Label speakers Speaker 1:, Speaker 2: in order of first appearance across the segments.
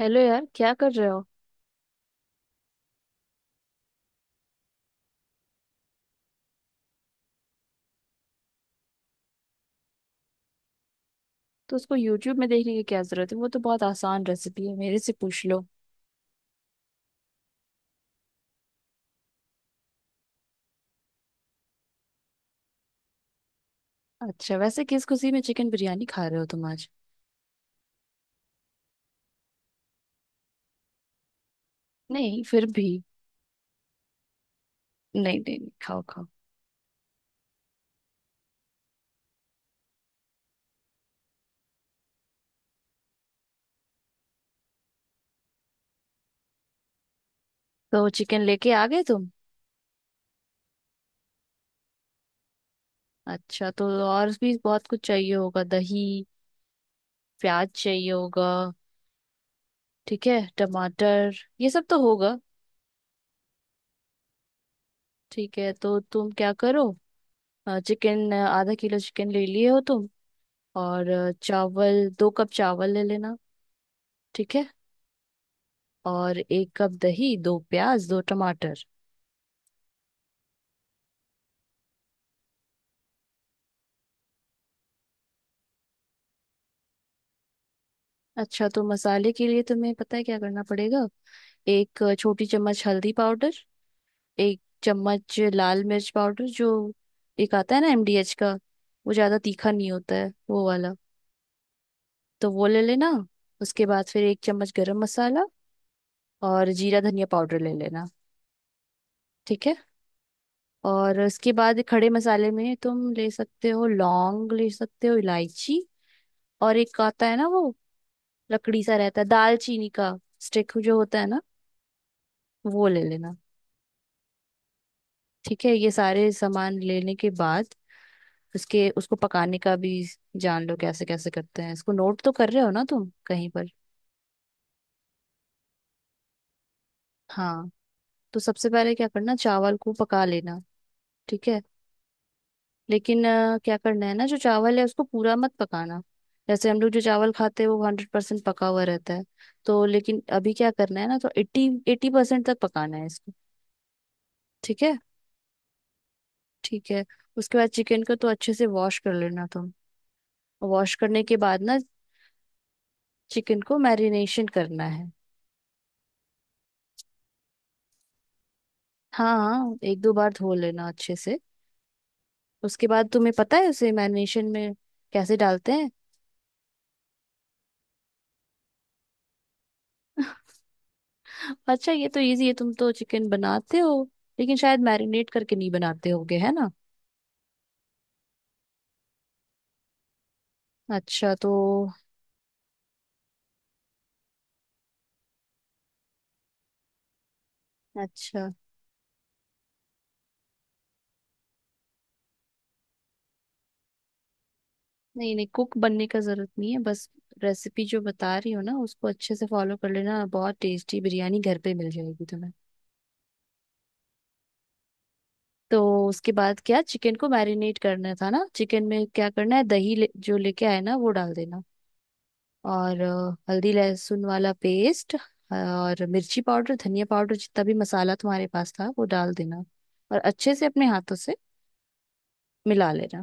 Speaker 1: Hello यार, क्या कर रहे हो। तो उसको यूट्यूब में देखने की क्या जरूरत है। वो तो बहुत आसान रेसिपी है, मेरे से पूछ लो। अच्छा, वैसे किस खुशी में चिकन बिरयानी खा रहे हो तुम आज? नहीं, फिर भी। नहीं नहीं नहीं, खाओ खाओ। तो चिकन लेके आ गए तुम। अच्छा, तो और भी बहुत कुछ चाहिए होगा। दही, प्याज चाहिए होगा। ठीक है। टमाटर, ये सब तो होगा। ठीक है, तो तुम क्या करो। चिकन आधा किलो चिकन ले लिए हो तुम। और चावल, 2 कप चावल ले लेना। ठीक है। और 1 कप दही, दो प्याज, दो टमाटर। अच्छा, तो मसाले के लिए तुम्हें पता है क्या करना पड़ेगा। 1 छोटी चम्मच हल्दी पाउडर, 1 चम्मच लाल मिर्च पाउडर, जो एक आता है ना एमडीएच का, वो ज्यादा तीखा नहीं होता है वो वाला, तो वो ले लेना। उसके बाद फिर 1 चम्मच गरम मसाला, और जीरा धनिया पाउडर ले लेना। ठीक है। और उसके बाद खड़े मसाले में तुम ले सकते हो लौंग, ले सकते हो इलायची, और एक आता है ना वो, लकड़ी सा रहता है, दालचीनी का स्टिक जो होता है ना, वो ले लेना। ठीक है, ये सारे सामान लेने के बाद उसके उसको पकाने का भी जान लो कैसे कैसे करते हैं इसको। नोट तो कर रहे हो ना तुम कहीं पर? हाँ। तो सबसे पहले क्या करना, चावल को पका लेना। ठीक है। लेकिन क्या करना है ना, जो चावल है उसको पूरा मत पकाना। जैसे हम लोग जो चावल खाते हैं वो 100% पका हुआ रहता है, तो लेकिन अभी क्या करना है ना, तो एट्टी एट्टी परसेंट तक पकाना है इसको। ठीक है। ठीक है, उसके बाद चिकन को तो अच्छे से वॉश कर लेना तुम। वॉश करने के बाद ना चिकन को मैरिनेशन करना है। हाँ हाँ, एक दो बार धो लेना अच्छे से। उसके बाद तुम्हें पता है उसे मैरिनेशन में कैसे डालते हैं? अच्छा, ये तो इजी है। तुम तो चिकन बनाते हो, लेकिन शायद मैरिनेट करके नहीं बनाते होगे, है ना? अच्छा तो। अच्छा। नहीं नहीं, कुक बनने का जरूरत नहीं है। बस रेसिपी जो बता रही हो ना उसको अच्छे से फॉलो कर लेना, बहुत टेस्टी बिरयानी घर पे मिल जाएगी तुम्हें। तो उसके बाद क्या, चिकन को मैरिनेट करना था ना। चिकन में क्या करना है, दही ले, जो लेके आए ना वो डाल देना। और हल्दी लहसुन वाला पेस्ट, और मिर्ची पाउडर धनिया पाउडर जितना भी मसाला तुम्हारे पास था वो डाल देना। और अच्छे से अपने हाथों से मिला लेना।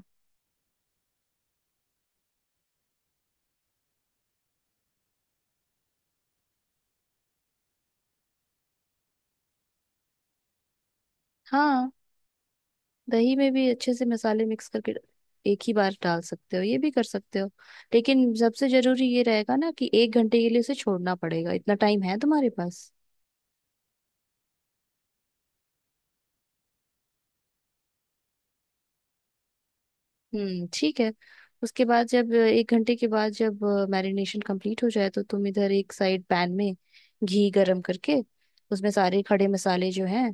Speaker 1: हाँ। दही में भी अच्छे से मसाले मिक्स करके एक ही बार डाल सकते हो, ये भी कर सकते हो। लेकिन सबसे जरूरी ये रहेगा ना कि 1 घंटे के लिए उसे छोड़ना पड़ेगा। इतना टाइम है तुम्हारे पास? ठीक है। उसके बाद जब 1 घंटे के बाद जब मैरिनेशन कंप्लीट हो जाए तो तुम इधर एक साइड पैन में घी गरम करके उसमें सारे खड़े मसाले जो हैं,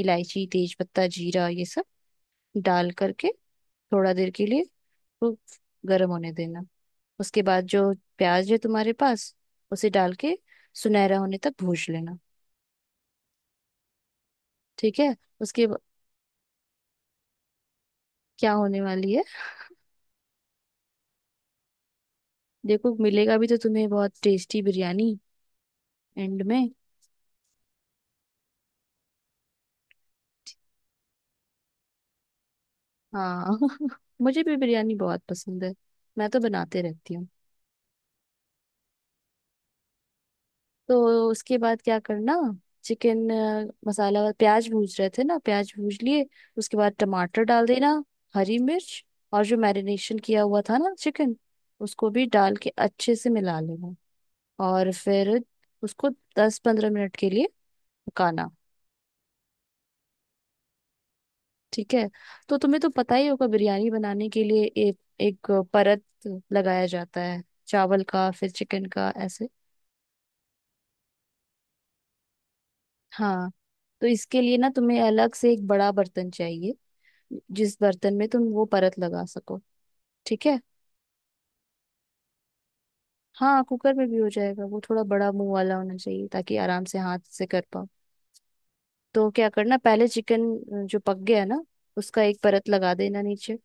Speaker 1: इलायची तेज पत्ता जीरा ये सब डाल करके थोड़ा देर के लिए वो गरम होने देना। उसके बाद जो प्याज है तुम्हारे पास उसे डाल के सुनहरा होने तक भून लेना। ठीक है। उसके ब- क्या होने वाली है? देखो मिलेगा भी तो तुम्हें बहुत टेस्टी बिरयानी एंड में। हाँ। मुझे भी बिरयानी बहुत पसंद है। मैं तो बनाते रहती हूँ। तो उसके बाद क्या करना, चिकन मसाला और प्याज भूज रहे थे ना, प्याज भूज लिए। उसके बाद टमाटर डाल देना, हरी मिर्च, और जो मैरिनेशन किया हुआ था ना चिकन, उसको भी डाल के अच्छे से मिला लेना। और फिर उसको 10-15 मिनट के लिए पकाना। ठीक है, तो तुम्हें तो पता ही होगा बिरयानी बनाने के लिए एक एक परत लगाया जाता है, चावल का फिर चिकन का ऐसे। हाँ। तो इसके लिए ना तुम्हें अलग से एक बड़ा बर्तन चाहिए, जिस बर्तन में तुम वो परत लगा सको। ठीक है। हाँ, कुकर में भी हो जाएगा, वो थोड़ा बड़ा मुंह वाला होना चाहिए ताकि आराम से हाथ से कर पाओ। तो क्या करना, पहले चिकन जो पक गया ना उसका एक परत लगा देना नीचे।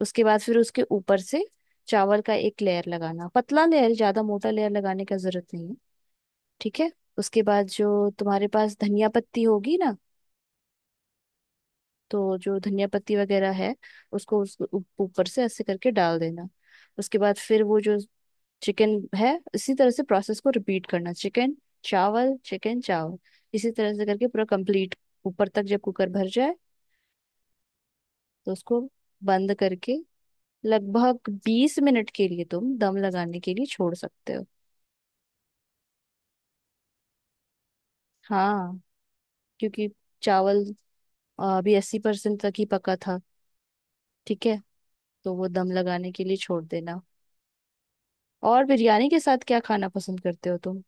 Speaker 1: उसके बाद फिर उसके ऊपर से चावल का एक लेयर लगाना, पतला लेयर, ज्यादा मोटा लेयर लगाने का जरूरत नहीं है। ठीक है। उसके बाद जो तुम्हारे पास धनिया पत्ती होगी ना, तो जो धनिया पत्ती वगैरह है उसको ऊपर से ऐसे करके डाल देना। उसके बाद फिर वो जो चिकन है, इसी तरह से प्रोसेस को रिपीट करना। चिकन चावल चिकन चावल, इसी तरह से करके पूरा कंप्लीट ऊपर तक जब कुकर भर जाए तो उसको बंद करके लगभग 20 मिनट के लिए तुम दम लगाने के लिए छोड़ सकते हो। हाँ, क्योंकि चावल अभी 80% तक ही पका था। ठीक है। तो वो दम लगाने के लिए छोड़ देना। और बिरयानी के साथ क्या खाना पसंद करते हो तुम?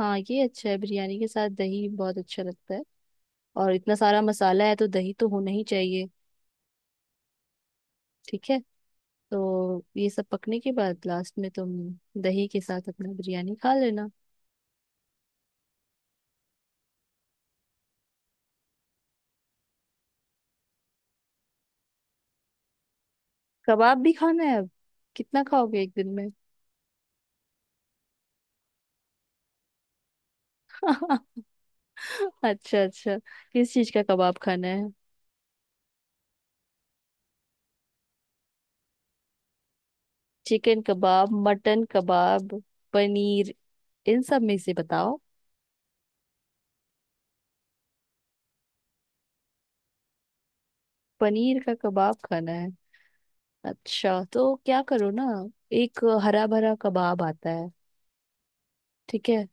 Speaker 1: हाँ, ये अच्छा है, बिरयानी के साथ दही बहुत अच्छा लगता है। और इतना सारा मसाला है तो दही तो होना ही चाहिए। ठीक है। तो ये सब पकने के बाद लास्ट में तुम दही के साथ अपना बिरयानी खा लेना। कबाब भी खाना है अब? कितना खाओगे एक दिन में? अच्छा अच्छा, किस चीज का कबाब खाना है? चिकन कबाब, मटन कबाब, पनीर, इन सब में से बताओ। पनीर का कबाब खाना है। अच्छा, तो क्या करो ना, एक हरा भरा कबाब आता है। ठीक है।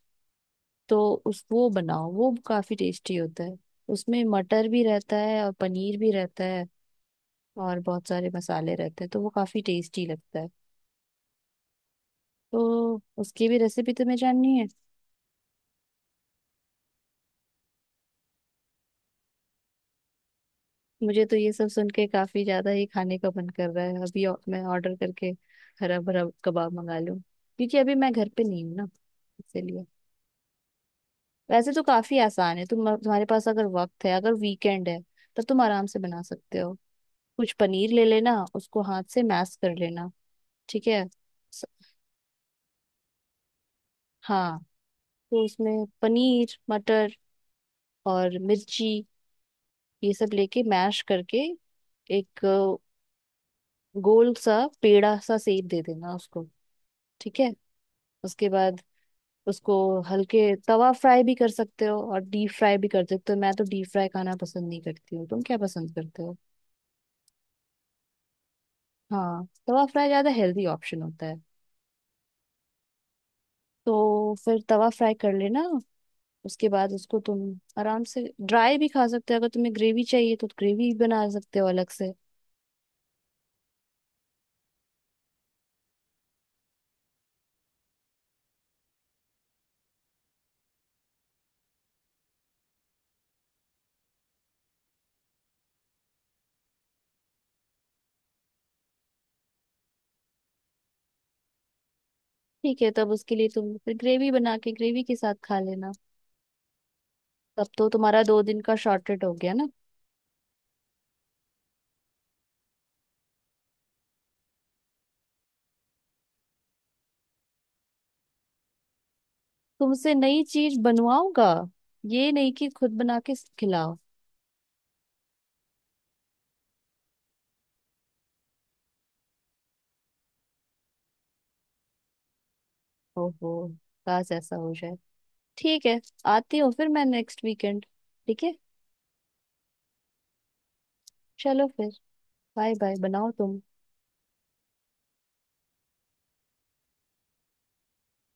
Speaker 1: तो उस वो बनाओ, वो काफी टेस्टी होता है। उसमें मटर भी रहता है और पनीर भी रहता है और बहुत सारे मसाले रहते हैं, तो वो काफी टेस्टी लगता है। तो उसकी भी रेसिपी तुम्हें जाननी है? मुझे तो ये सब सुन के काफी ज्यादा ही खाने का मन कर रहा है अभी मैं ऑर्डर करके हरा भरा कबाब मंगा लूं, क्योंकि अभी मैं घर पे नहीं हूँ ना, इसीलिए। वैसे तो काफी आसान है, तुम तुम्हारे पास अगर वक्त है, अगर वीकेंड है तब तुम आराम से बना सकते हो। कुछ पनीर ले लेना, उसको हाथ से मैश कर लेना। ठीक है। स- हाँ, तो उसमें पनीर, मटर और मिर्ची, ये सब लेके मैश करके एक गोल सा पेड़ा सा शेप दे देना उसको। ठीक है। उसके बाद उसको हल्के तवा फ्राई भी कर सकते हो और डीप फ्राई भी कर सकते हो। मैं तो डीप फ्राई खाना पसंद नहीं करती हूँ, तुम क्या पसंद करते हो? हाँ, तवा फ्राई ज्यादा हेल्दी ऑप्शन होता है, तो फिर तवा फ्राई कर लेना। उसके बाद उसको तुम आराम से ड्राई भी खा सकते हो, अगर तुम्हें ग्रेवी चाहिए तो ग्रेवी बना सकते हो अलग से। ठीक है, तब उसके लिए तुम फिर ग्रेवी बना के ग्रेवी के साथ खा लेना। तब तो तुम्हारा दो दिन का शॉर्टेड हो गया ना। तुमसे नई चीज बनवाऊंगा, ये नहीं कि खुद बना के खिलाओ। ओहो, काश ऐसा हो जाए। ठीक है, आती हूँ फिर मैं नेक्स्ट वीकेंड। ठीक है। चलो फिर, बाय बाय, बनाओ तुम।